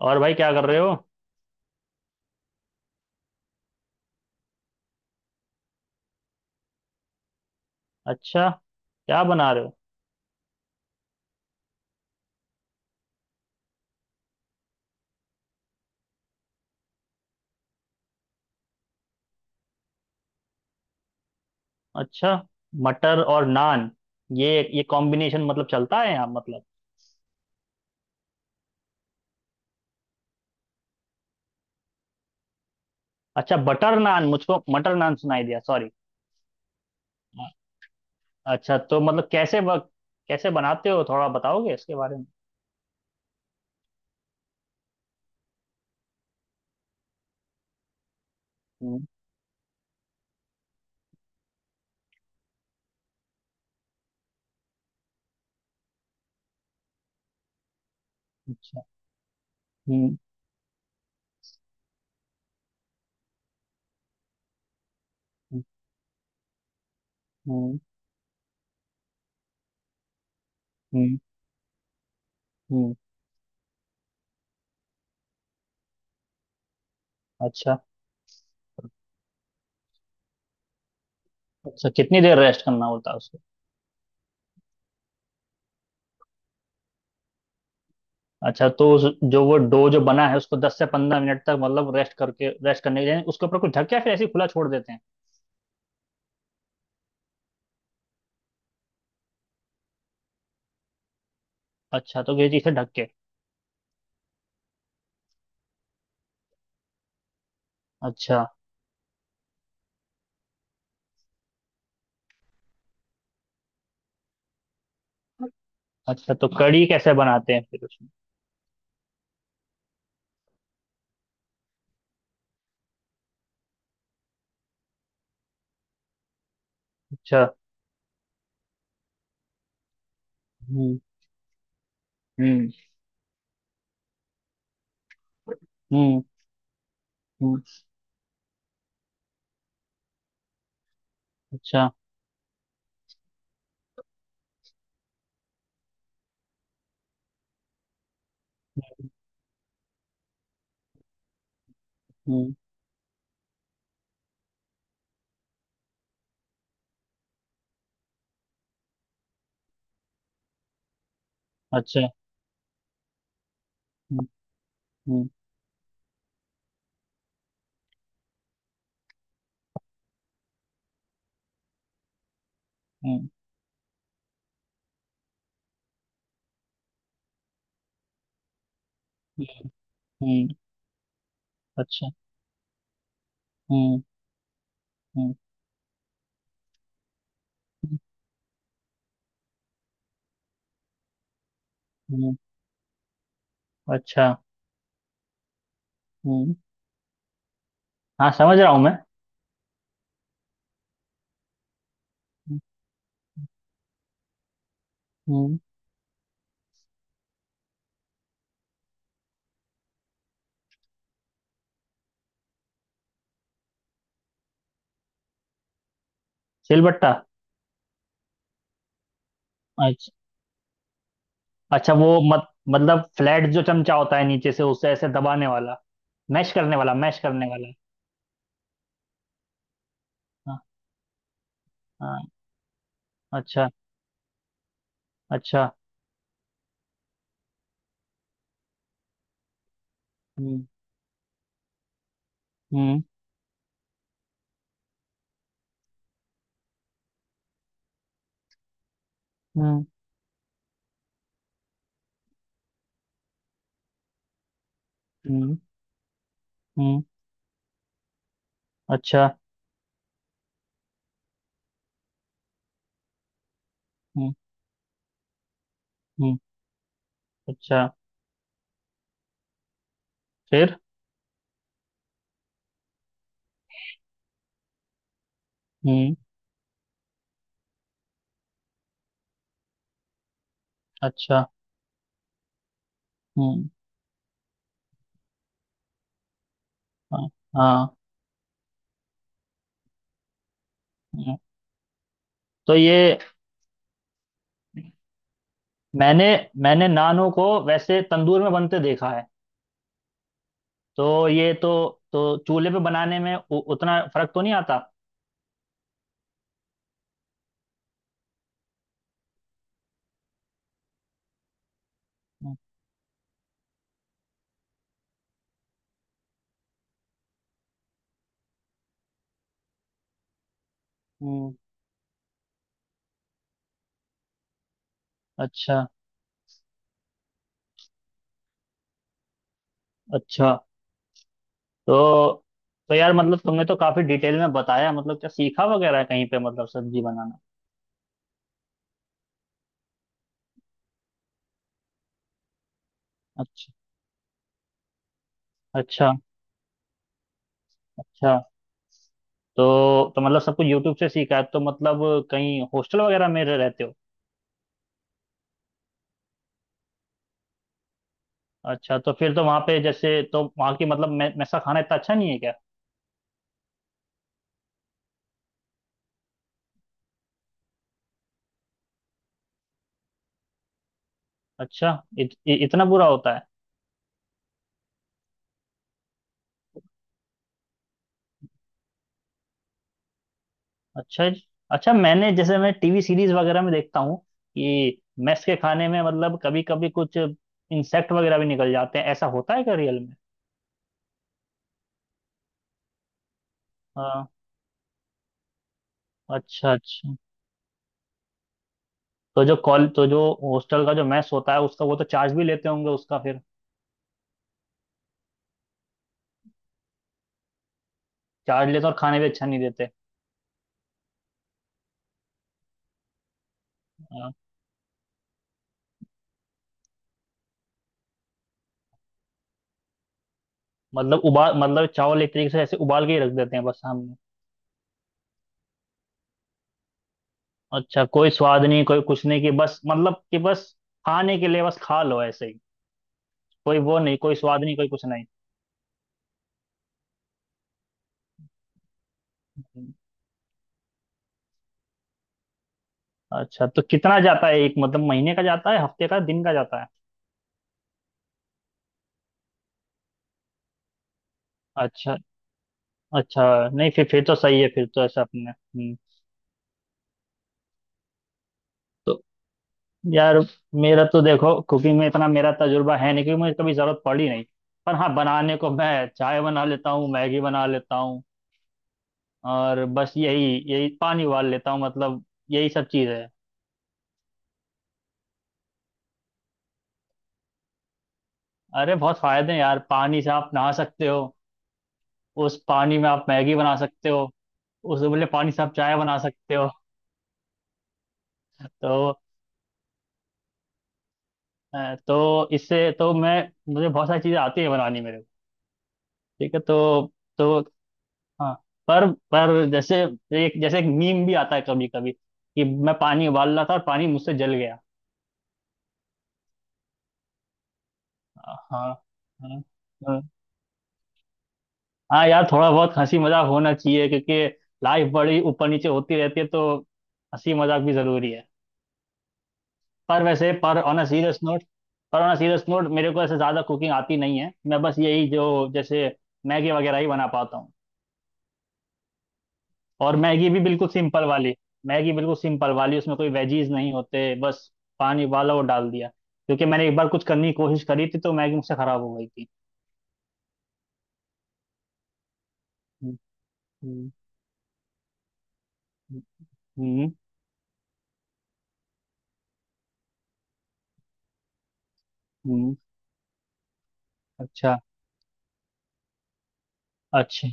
और भाई क्या कर रहे हो। अच्छा। क्या बना रहे हो। अच्छा। मटर और नान। ये ये कॉम्बिनेशन मतलब चलता है यहाँ मतलब। अच्छा बटर नान, मुझको मटर नान सुनाई दिया। सॉरी। अच्छा, तो मतलब कैसे बनाते हो, थोड़ा बताओगे इसके बारे में। हम्म। अच्छा। हम्म। हम्म। हम्म। हम्म। हम्म। अच्छा। अच्छा, कितनी देर रेस्ट करना होता है उसको। अच्छा, तो जो वो डो जो बना है उसको 10 से 15 मिनट तक, मतलब रेस्ट करके, रेस्ट करने के लिए उसके ऊपर कुछ ढक के या फिर ऐसे ही खुला छोड़ देते हैं। अच्छा, तो ये चीज़ से ढक के। अच्छा। अच्छा, तो कड़ी कैसे बनाते हैं फिर उसमें। अच्छा। हम्म। हम्म। हम्म। हम्म। अच्छा। हम्म। अच्छा। हम्म। हम्म। हम्म। हम्म। अच्छा। हम्म। हम्म। हम्म। अच्छा। हम्म। हाँ, समझ रहा हूँ मैं। हम्म। हम्म। सिलबट्टा। अच्छा। अच्छा। वो, मत मतलब फ्लैट जो चमचा होता है नीचे से, उससे ऐसे दबाने वाला, मैश करने वाला, मैश करने वाला। हाँ। हाँ। अच्छा। अच्छा। हम्म। हम्म। हम्म। हम्म। हम्म। अच्छा। हम्म। हम्म। अच्छा। फिर? हम्म। अच्छा। हम्म। हाँ। हाँ। हम्म। तो ये, मैंने मैंने नानों को वैसे तंदूर में बनते देखा है, तो ये तो, चूल्हे पे बनाने में उतना फर्क तो नहीं आता। हम्म। हम्म। अच्छा। अच्छा। तो तो यार, मतलब तुमने तो काफी डिटेल में बताया, मतलब क्या सीखा वगैरह है कहीं पे, मतलब सब्जी बनाना। अच्छा। अच्छा। अच्छा। तो मतलब सब कुछ यूट्यूब से सीखा है तो, मतलब कहीं हॉस्टल वगैरह में रहते हो? अच्छा, तो फिर तो वहां पे, जैसे, तो वहां की मतलब मैस का खाना इतना अच्छा नहीं है क्या? अच्छा, इतना बुरा होता है? अच्छा जी। अच्छा, मैंने, जैसे, मैं टीवी सीरीज वगैरह में देखता हूँ कि मेस के खाने में, मतलब, कभी कभी कुछ इंसेक्ट वगैरह भी निकल जाते हैं, ऐसा होता है क्या रियल में? हाँ। अच्छा। अच्छा, तो जो कॉल तो जो हॉस्टल का जो मेस होता है उसका, वो तो चार्ज भी लेते होंगे उसका फिर। चार्ज लेते हैं और खाने भी अच्छा नहीं देते। हाँ, मतलब उबाल, मतलब चावल एक तरीके से ऐसे उबाल के ही रख देते हैं बस हम। अच्छा, कोई स्वाद नहीं, कोई कुछ नहीं कि बस, मतलब कि बस खाने के लिए बस खा लो ऐसे ही, कोई वो नहीं, कोई स्वाद नहीं, कोई कुछ नहीं। अच्छा, तो कितना जाता है, एक मतलब महीने का जाता है, हफ्ते का, दिन का जाता है? अच्छा। अच्छा, नहीं, फिर तो सही है, फिर तो ऐसा अपने। हम्म। तो यार, मेरा तो देखो, कुकिंग में इतना मेरा तजुर्बा है नहीं, क्योंकि मुझे कभी जरूरत पड़ी नहीं। पर हाँ, बनाने को मैं चाय बना लेता हूँ, मैगी बना लेता हूँ, और बस यही, पानी उबाल लेता हूँ, मतलब यही सब चीज़ है। अरे बहुत फायदे हैं यार, पानी से आप नहा सकते हो। उस पानी में आप मैगी बना सकते हो। उस उबले पानी से आप चाय बना सकते हो। तो तो इससे तो मैं मुझे बहुत सारी चीजें आती है बनानी, मेरे को ठीक है तो। तो हाँ। पर जैसे, एक, जैसे एक मीम भी आता है कभी कभी कि मैं पानी उबाल रहा था और पानी मुझसे जल गया। हाँ। हाँ। हाँ। हाँ यार, थोड़ा बहुत हंसी मजाक होना चाहिए, क्योंकि लाइफ बड़ी ऊपर नीचे होती रहती है, तो हंसी मजाक भी जरूरी है। पर वैसे, पर ऑन अ सीरियस नोट, मेरे को ऐसे ज़्यादा कुकिंग आती नहीं है, मैं बस यही जो, जैसे मैगी वगैरह ही बना पाता हूँ। और मैगी भी बिल्कुल सिंपल वाली। मैगी बिल्कुल सिंपल वाली, उसमें कोई वेजीज नहीं होते बस, पानी उबाला और डाल दिया, क्योंकि मैंने एक बार कुछ करने की कोशिश करी थी तो मैगी मुझसे ख़राब हो गई थी। हम्म। हम्म। हम्म। हम्म। हम्म। अच्छा। अच्छा,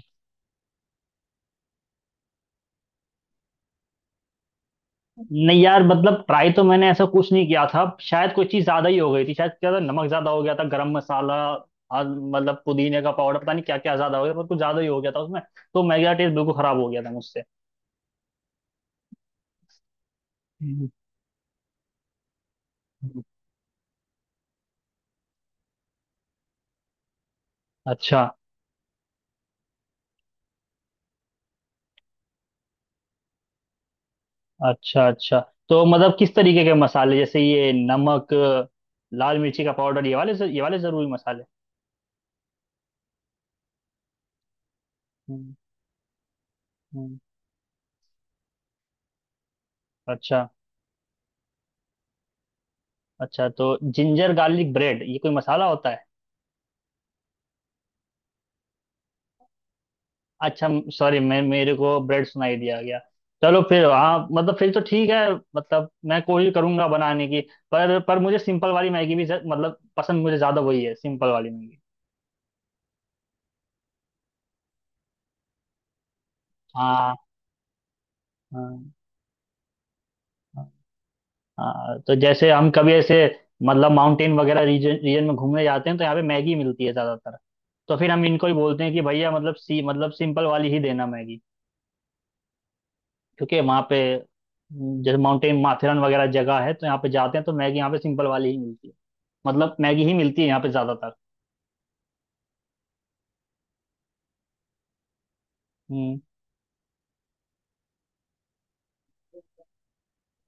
नहीं यार, मतलब ट्राई तो मैंने ऐसा कुछ नहीं किया था, शायद कोई चीज ज्यादा ही हो गई थी। शायद क्या था, नमक ज्यादा हो गया था, गरम मसाला, और, मतलब, पुदीने का पाउडर, पता नहीं क्या क्या ज्यादा हो गया, पर कुछ ज्यादा ही हो गया था उसमें, तो मेरा टेस्ट बिल्कुल खराब हो गया था मुझसे। हम्म। हम्म। अच्छा। अच्छा। अच्छा, तो मतलब किस तरीके के मसाले, जैसे ये नमक, लाल मिर्ची का पाउडर, ये वाले जरूरी मसाले। हम्म। हम्म। अच्छा। अच्छा, तो जिंजर गार्लिक ब्रेड ये कोई मसाला होता है? अच्छा, सॉरी, मैं मेरे को ब्रेड सुनाई दिया गया। चलो फिर, हाँ मतलब, फिर तो ठीक है, मतलब मैं कोशिश करूंगा बनाने की। पर मुझे सिंपल वाली मैगी भी मतलब पसंद, मुझे ज्यादा वही है, सिंपल वाली मैगी। हाँ। हाँ। हाँ। हाँ, तो जैसे हम कभी ऐसे, मतलब, माउंटेन वगैरह रीजन, में घूमने जाते हैं तो यहाँ पे मैगी मिलती है ज्यादातर। तो फिर हम इनको ही बोलते हैं कि भैया, मतलब सी मतलब सिंपल वाली ही देना मैगी, क्योंकि वहाँ पे, जैसे माउंटेन माथेरन वगैरह जगह है तो यहाँ पे जाते हैं तो मैगी यहाँ पे सिंपल वाली ही मिलती है, मतलब मैगी ही मिलती है यहाँ पे ज्यादातर। हम्म।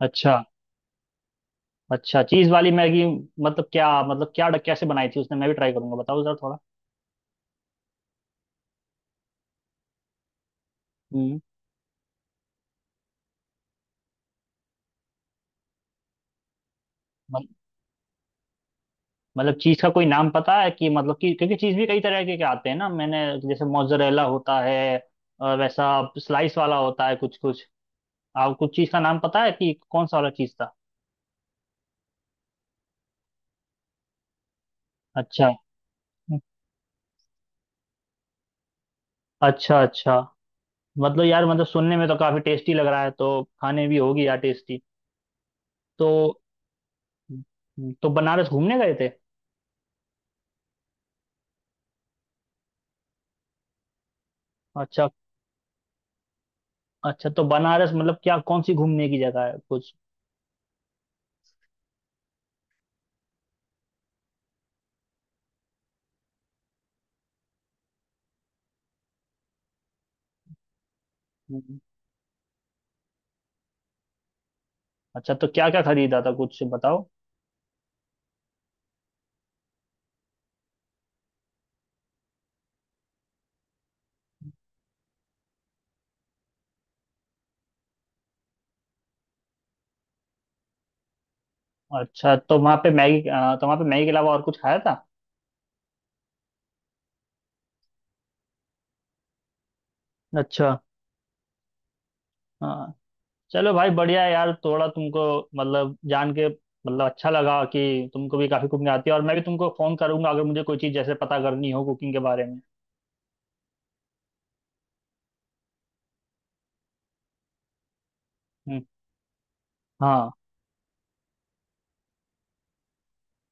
अच्छा। अच्छा, चीज वाली मैगी। मतलब क्या, मतलब क्या, कैसे बनाई थी उसने? मैं भी ट्राई करूंगा, बताओ जरा थोड़ा। हम्म। मत- मतलब चीज का कोई नाम पता है कि, मतलब कि, क्योंकि चीज भी कई तरह के आते हैं ना मैंने। जैसे मोzzरेला होता है, और वैसा स्लाइस वाला होता है कुछ कुछ। आप कुछ चीज का नाम पता है कि कौन सा वाला चीज था? अच्छा। अच्छा। अच्छा, मतलब यार, मतलब सुनने में तो काफी टेस्टी लग रहा है, तो खाने भी होगी यार टेस्टी। तो तो बनारस घूमने गए थे? अच्छा। अच्छा, तो बनारस, मतलब क्या कौन सी घूमने की जगह है कुछ? हम्म। अच्छा, तो क्या क्या खरीदा था कुछ बताओ? अच्छा, तो वहाँ पे मैगी, तो वहाँ पे मैगी के अलावा और कुछ खाया था? अच्छा। हाँ चलो भाई, बढ़िया है यार, थोड़ा तुमको, मतलब, जान के मतलब अच्छा लगा कि तुमको भी काफी कुकिंग आती है, और मैं भी तुमको फोन करूंगा अगर मुझे कोई चीज जैसे पता करनी हो कुकिंग के बारे में। हम्म। हाँ।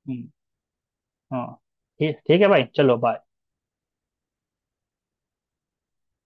हम्म। हाँ ठीक, ठीक है भाई, चलो बाय।